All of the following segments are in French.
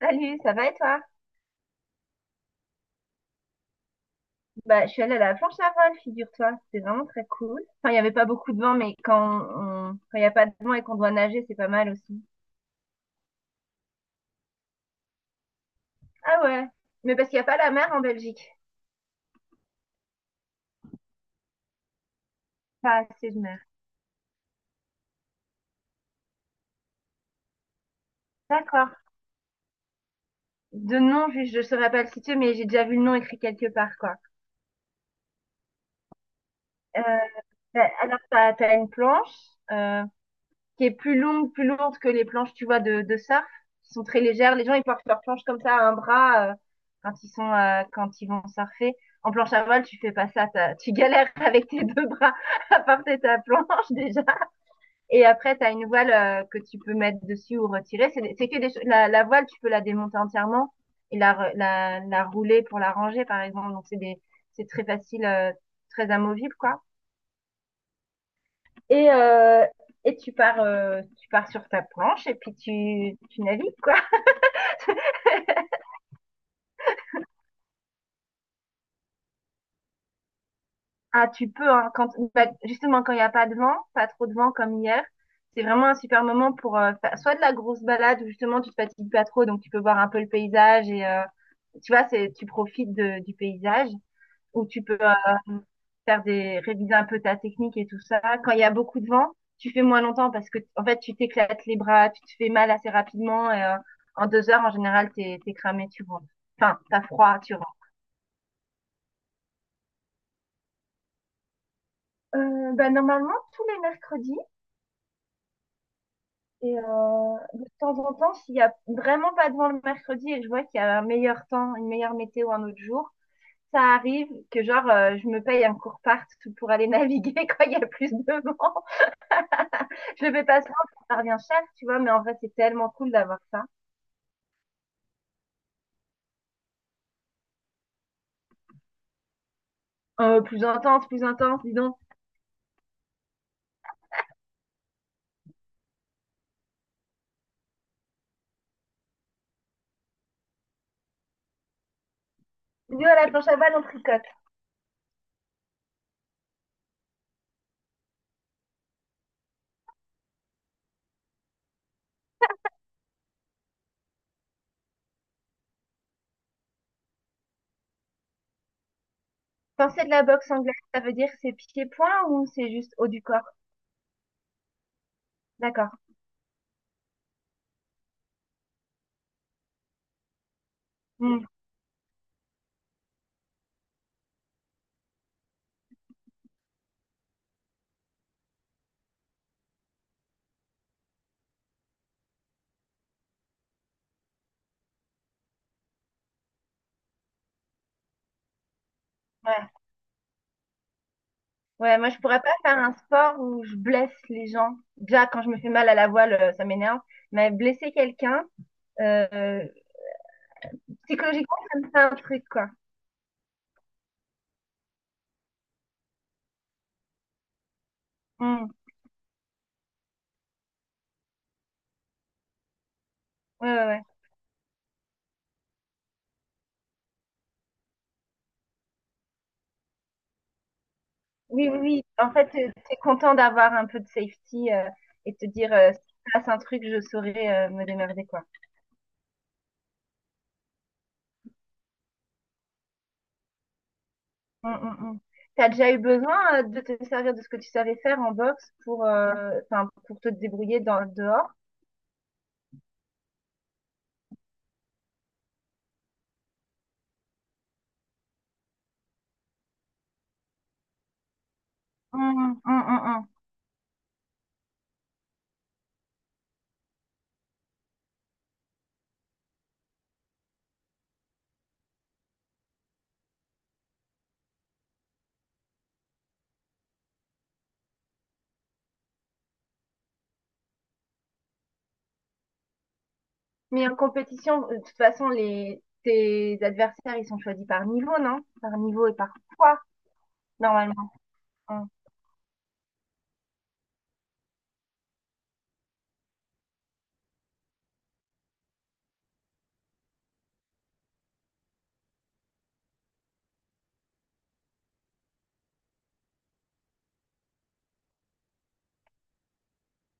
Salut, ça va et toi? Je suis allée à la planche à voile, figure-toi. C'était vraiment très cool. Enfin, il n'y avait pas beaucoup de vent, mais quand il n'y a pas de vent et qu'on doit nager, c'est pas mal aussi. Ah ouais, mais parce qu'il n'y a pas la mer en Belgique. Pas assez de mer. D'accord. De nom, je saurais pas le situer, mais j'ai déjà vu le nom écrit quelque part, quoi. Euh, bah, alors, t'as une planche, euh, qui est plus longue, plus lourde que les planches, tu vois, de surf, qui sont très légères. Les gens, ils portent leurs planches comme ça à un bras quand ils sont quand ils vont surfer. En planche à voile, tu fais pas ça, tu galères avec tes deux bras à porter ta planche déjà. Et après, tu as une voile que tu peux mettre dessus ou retirer. C'est que la voile, tu peux la démonter entièrement et la rouler pour la ranger, par exemple. Donc, c'est des, c'est très facile, très amovible, quoi. Et, euh, et tu pars sur ta planche et puis tu navigues, quoi. Ah, tu peux, hein, quand, bah, justement, quand il n'y a pas de vent, pas trop de vent comme hier, c'est vraiment un super moment pour faire soit de la grosse balade où justement tu te fatigues pas trop, donc tu peux voir un peu le paysage et tu vois, c'est, tu profites du paysage. Où tu peux faire des, réviser un peu ta technique et tout ça. Quand il y a beaucoup de vent, tu fais moins longtemps parce que, en fait, tu t'éclates les bras, tu te fais mal assez rapidement et en 2 heures, en général, t'es cramé, tu rentres. Enfin, t'as froid, tu rentres. Bah, normalement, tous les mercredis. De temps en temps, s'il y a vraiment pas de vent le mercredi et que je vois qu'il y a un meilleur temps, une meilleure météo un autre jour, ça arrive que genre je me paye un court part pour aller naviguer quand il y a plus de vent. Je le fais pas souvent, ça revient cher, tu vois, mais en vrai, c'est tellement cool d'avoir ça. Plus intense, dis donc. Nous, à la planche à balle, on tricote. Quand c'est de la boxe anglaise, ça veut dire que c'est pieds-poings ou c'est juste haut du corps? D'accord. Hmm, ouais. Ouais, moi, je pourrais pas faire un sport où je blesse les gens. Déjà, quand je me fais mal à la voile, ça m'énerve. Mais blesser quelqu'un, euh, psychologiquement, ça me fait un truc, quoi. Hmm. Ouais, ouais, ouais. Oui, oui, oui. En fait, tu es content d'avoir un peu de safety et de te dire, si passe un truc, je saurais me démerder, quoi. Tu as déjà eu besoin de te servir de ce que tu savais faire en boxe pour, enfin, pour te débrouiller dans, dehors? Mm, mm, mm, mm. Mais en compétition, de toute façon, les, tes adversaires, ils sont choisis par niveau, non? Par niveau et par poids, normalement. Mm.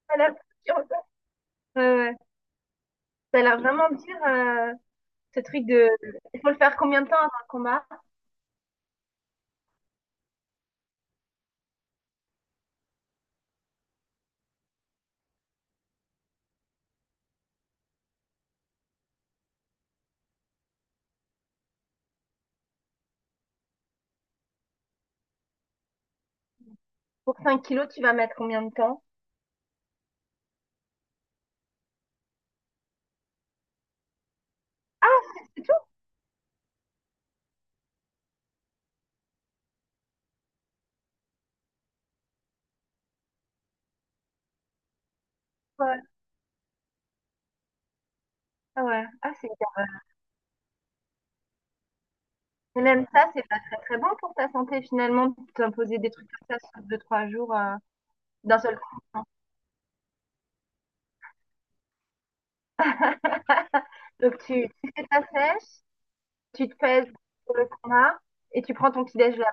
Ça a l'air ouais, ouais. Ça a l'air vraiment dur, ce truc de... Il faut le faire combien de temps avant le combat? Pour 5 kilos, tu vas mettre combien de temps? Ah, c'est tout? Ouais. Ah ouais. Ah, c'est bien. Et même ça, c'est pas très très bon pour ta santé finalement, de t'imposer des trucs comme ça sur 2 ou 3 jours d'un seul coup, hein. Donc tu fais ta sèche, tu te pèses pour le combat et tu prends ton petit déj là.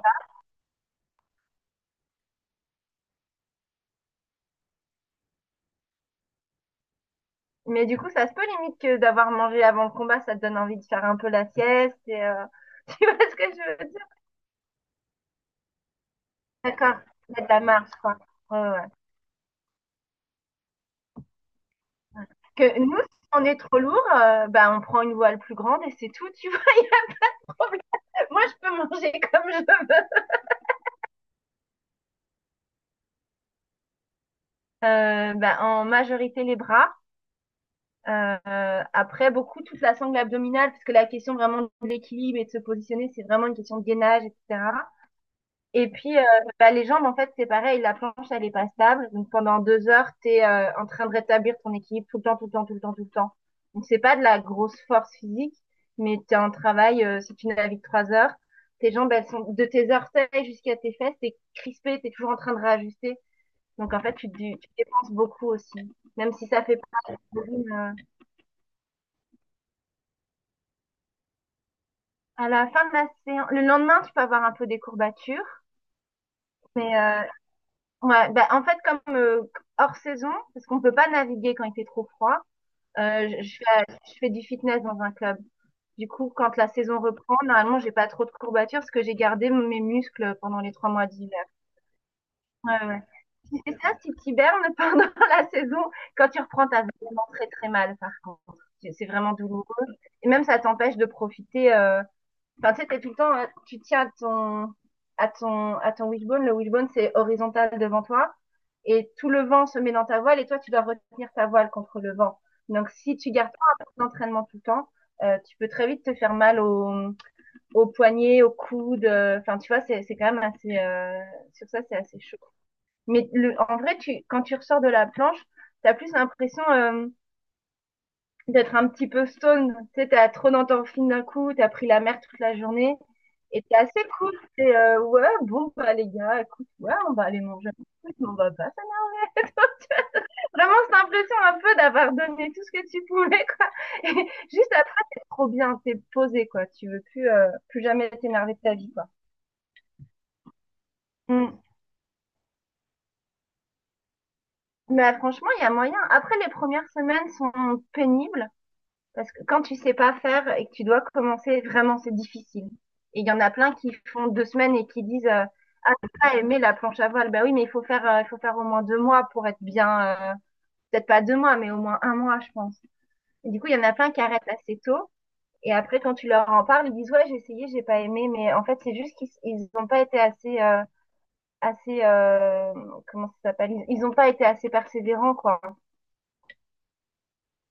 Mais du coup, ça se peut limite que d'avoir mangé avant le combat, ça te donne envie de faire un peu la sieste et tu vois ce que je veux dire? D'accord, il y a de la marche quoi. Ouais, ouais. Que nous, si on est trop lourd, bah, on prend une voile plus grande et c'est tout, tu vois. Le problème. Moi, je peux manger comme je veux. Bah, en majorité, les bras. Après, beaucoup toute la sangle abdominale, parce que la question vraiment de l'équilibre et de se positionner, c'est vraiment une question de gainage, etc. Et puis, euh, bah, les jambes, en fait, c'est pareil, la planche, elle est pas stable. Donc, pendant deux heures, tu es en train de rétablir ton équilibre tout le temps, tout le temps, tout le temps, tout le temps. Donc, c'est pas de la grosse force physique, mais tu es en travail, si tu navigues 3 heures, tes jambes, elles sont de tes orteils jusqu'à tes fesses, t'es crispé, t'es toujours en train de réajuster. Donc, en fait, tu dépenses beaucoup aussi, même si ça fait pas de volume. À la fin de la séance, le lendemain, tu peux avoir un peu des courbatures, mais ouais, bah, en fait, comme hors saison, parce qu'on peut pas naviguer quand il fait trop froid, je fais du fitness dans un club. Du coup, quand la saison reprend, normalement, j'ai pas trop de courbatures parce que j'ai gardé mes muscles pendant les 3 mois d'hiver. Ouais, ouais. Si c'est ça, si t'hibernes pendant la saison, quand tu reprends, t'as vraiment très très mal, par contre. C'est vraiment douloureux. Et même, ça t'empêche de profiter, enfin, tu sais, t'es tout le temps, hein, tu tiens à ton, à ton, à ton wishbone. Le wishbone, c'est horizontal devant toi. Et tout le vent se met dans ta voile et toi, tu dois retenir ta voile contre le vent. Donc, si tu gardes pas un peu d'entraînement tout le temps, tu peux très vite te faire mal au poignet, au coude. Euh, enfin, tu vois, c'est quand même assez, sur ça, c'est assez chaud. Mais le, en vrai, tu, quand tu ressors de la planche, t'as plus l'impression, d'être un petit peu stone. Tu sais, t'as trop dans ton film d'un coup, t'as pris la mer toute la journée. Et t'es assez cool. C'est ouais, bon, bah les gars, écoute, ouais, on va aller manger un truc, mais on va pas s'amuser. Vraiment, cette impression un peu d'avoir donné tout ce que tu pouvais, quoi. Et juste après, t'es trop bien, t'es posé, quoi. Tu veux plus, plus jamais t'énerver de ta vie, quoi. Mm. Mais franchement, il y a moyen. Après, les premières semaines sont pénibles. Parce que quand tu sais pas faire et que tu dois commencer, vraiment, c'est difficile. Et il y en a plein qui font 2 semaines et qui disent ah, j'ai pas aimé la planche à voile. Ben oui, mais il faut faire au moins 2 mois pour être bien. Euh, peut-être pas 2 mois, mais au moins 1 mois, je pense. Et du coup, il y en a plein qui arrêtent assez tôt. Et après, quand tu leur en parles, ils disent ouais, j'ai essayé, j'ai pas aimé. Mais en fait, c'est juste qu'ils ont pas été assez, assez comment ça s'appelle, ils ont pas été assez persévérants quoi,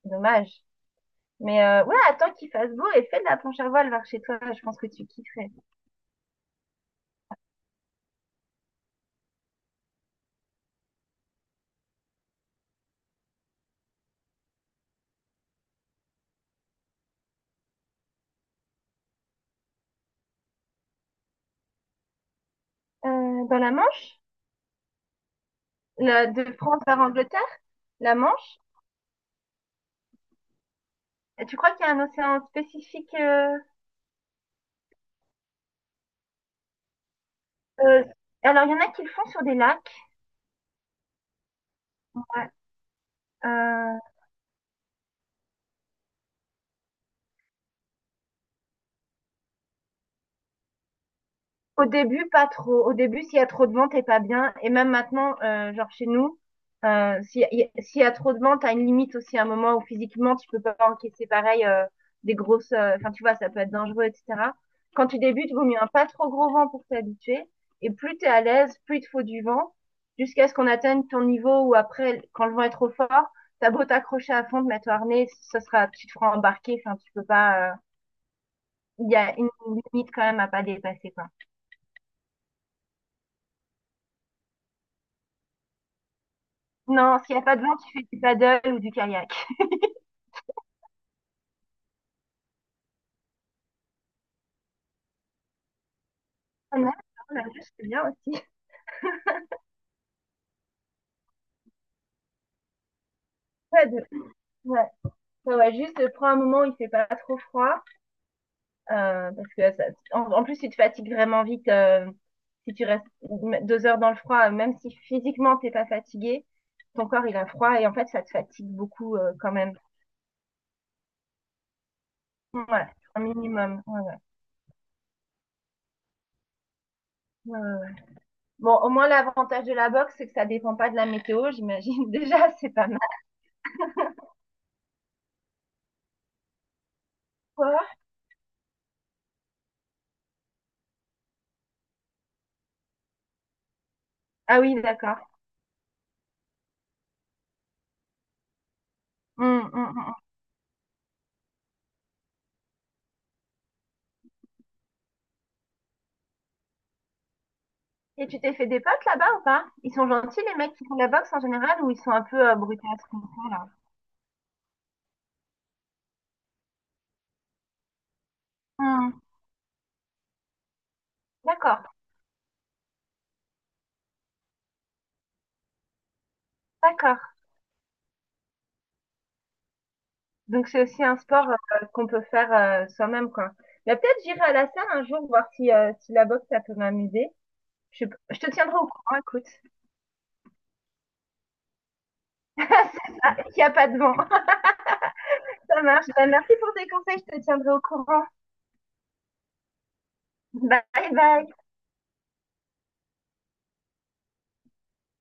dommage. Mais ouais, attends qu'il fasse beau et fais de la planche à voile vers chez toi. Je pense que tu kifferais. Dans la Manche, la- de France vers Angleterre, la Manche, tu crois qu'il y a un océan spécifique euh, alors, il y en a qui le font sur des lacs. Ouais. Euh, au début, pas trop. Au début, s'il y a trop de ventes, t'es pas bien. Et même maintenant, genre chez nous, s'il y a trop de ventes, t'as une limite aussi à un moment où physiquement, tu peux pas encaisser pareil des grosses... Euh, enfin, tu vois, ça peut être dangereux, etc. Quand tu débutes, vaut mieux un pas trop gros vent pour t'habituer. Et plus t'es à l'aise, plus il te faut du vent, jusqu'à ce qu'on atteigne ton niveau où après, quand le vent est trop fort, t'as beau t'accrocher à fond, te mettre au harnais, ça sera, tu te feras embarquer. Enfin, tu peux pas... il y a une limite quand même à pas dépasser, quoi. Non, s'il n'y a pas de vent, tu fais du paddle ou du kayak. Ah non, non, la nage, c'est bien aussi. Paddle. Ouais. Ouais, ouais, juste prends un moment où il fait pas trop froid, parce que en, en plus tu te fatigues vraiment vite si tu restes 2 heures dans le froid, même si physiquement t'es pas fatigué, ton corps il a froid et en fait ça te fatigue beaucoup quand même. Ouais, un minimum. Ouais, ouais, ouais, ouais. Bon, au moins l'avantage de la boxe c'est que ça dépend pas de la météo, j'imagine. Déjà c'est pas mal. Quoi? Ah oui, d'accord. Hum, hum, hum. Et tu t'es fait des potes là-bas ou pas? Ils sont gentils les mecs qui font de la boxe en général ou ils sont un peu brutasses comme ça là? Hmm, d'accord, d'accord. Donc c'est aussi un sport qu'on peut faire soi-même quoi. Mais peut-être j'irai à la salle un jour voir si, si la boxe ça peut m'amuser. Je sais pas, je te tiendrai au courant, écoute. C'est ça, il n'y a pas de vent. Ça marche. Bah, merci pour tes conseils, je te tiendrai au courant. Bye bye.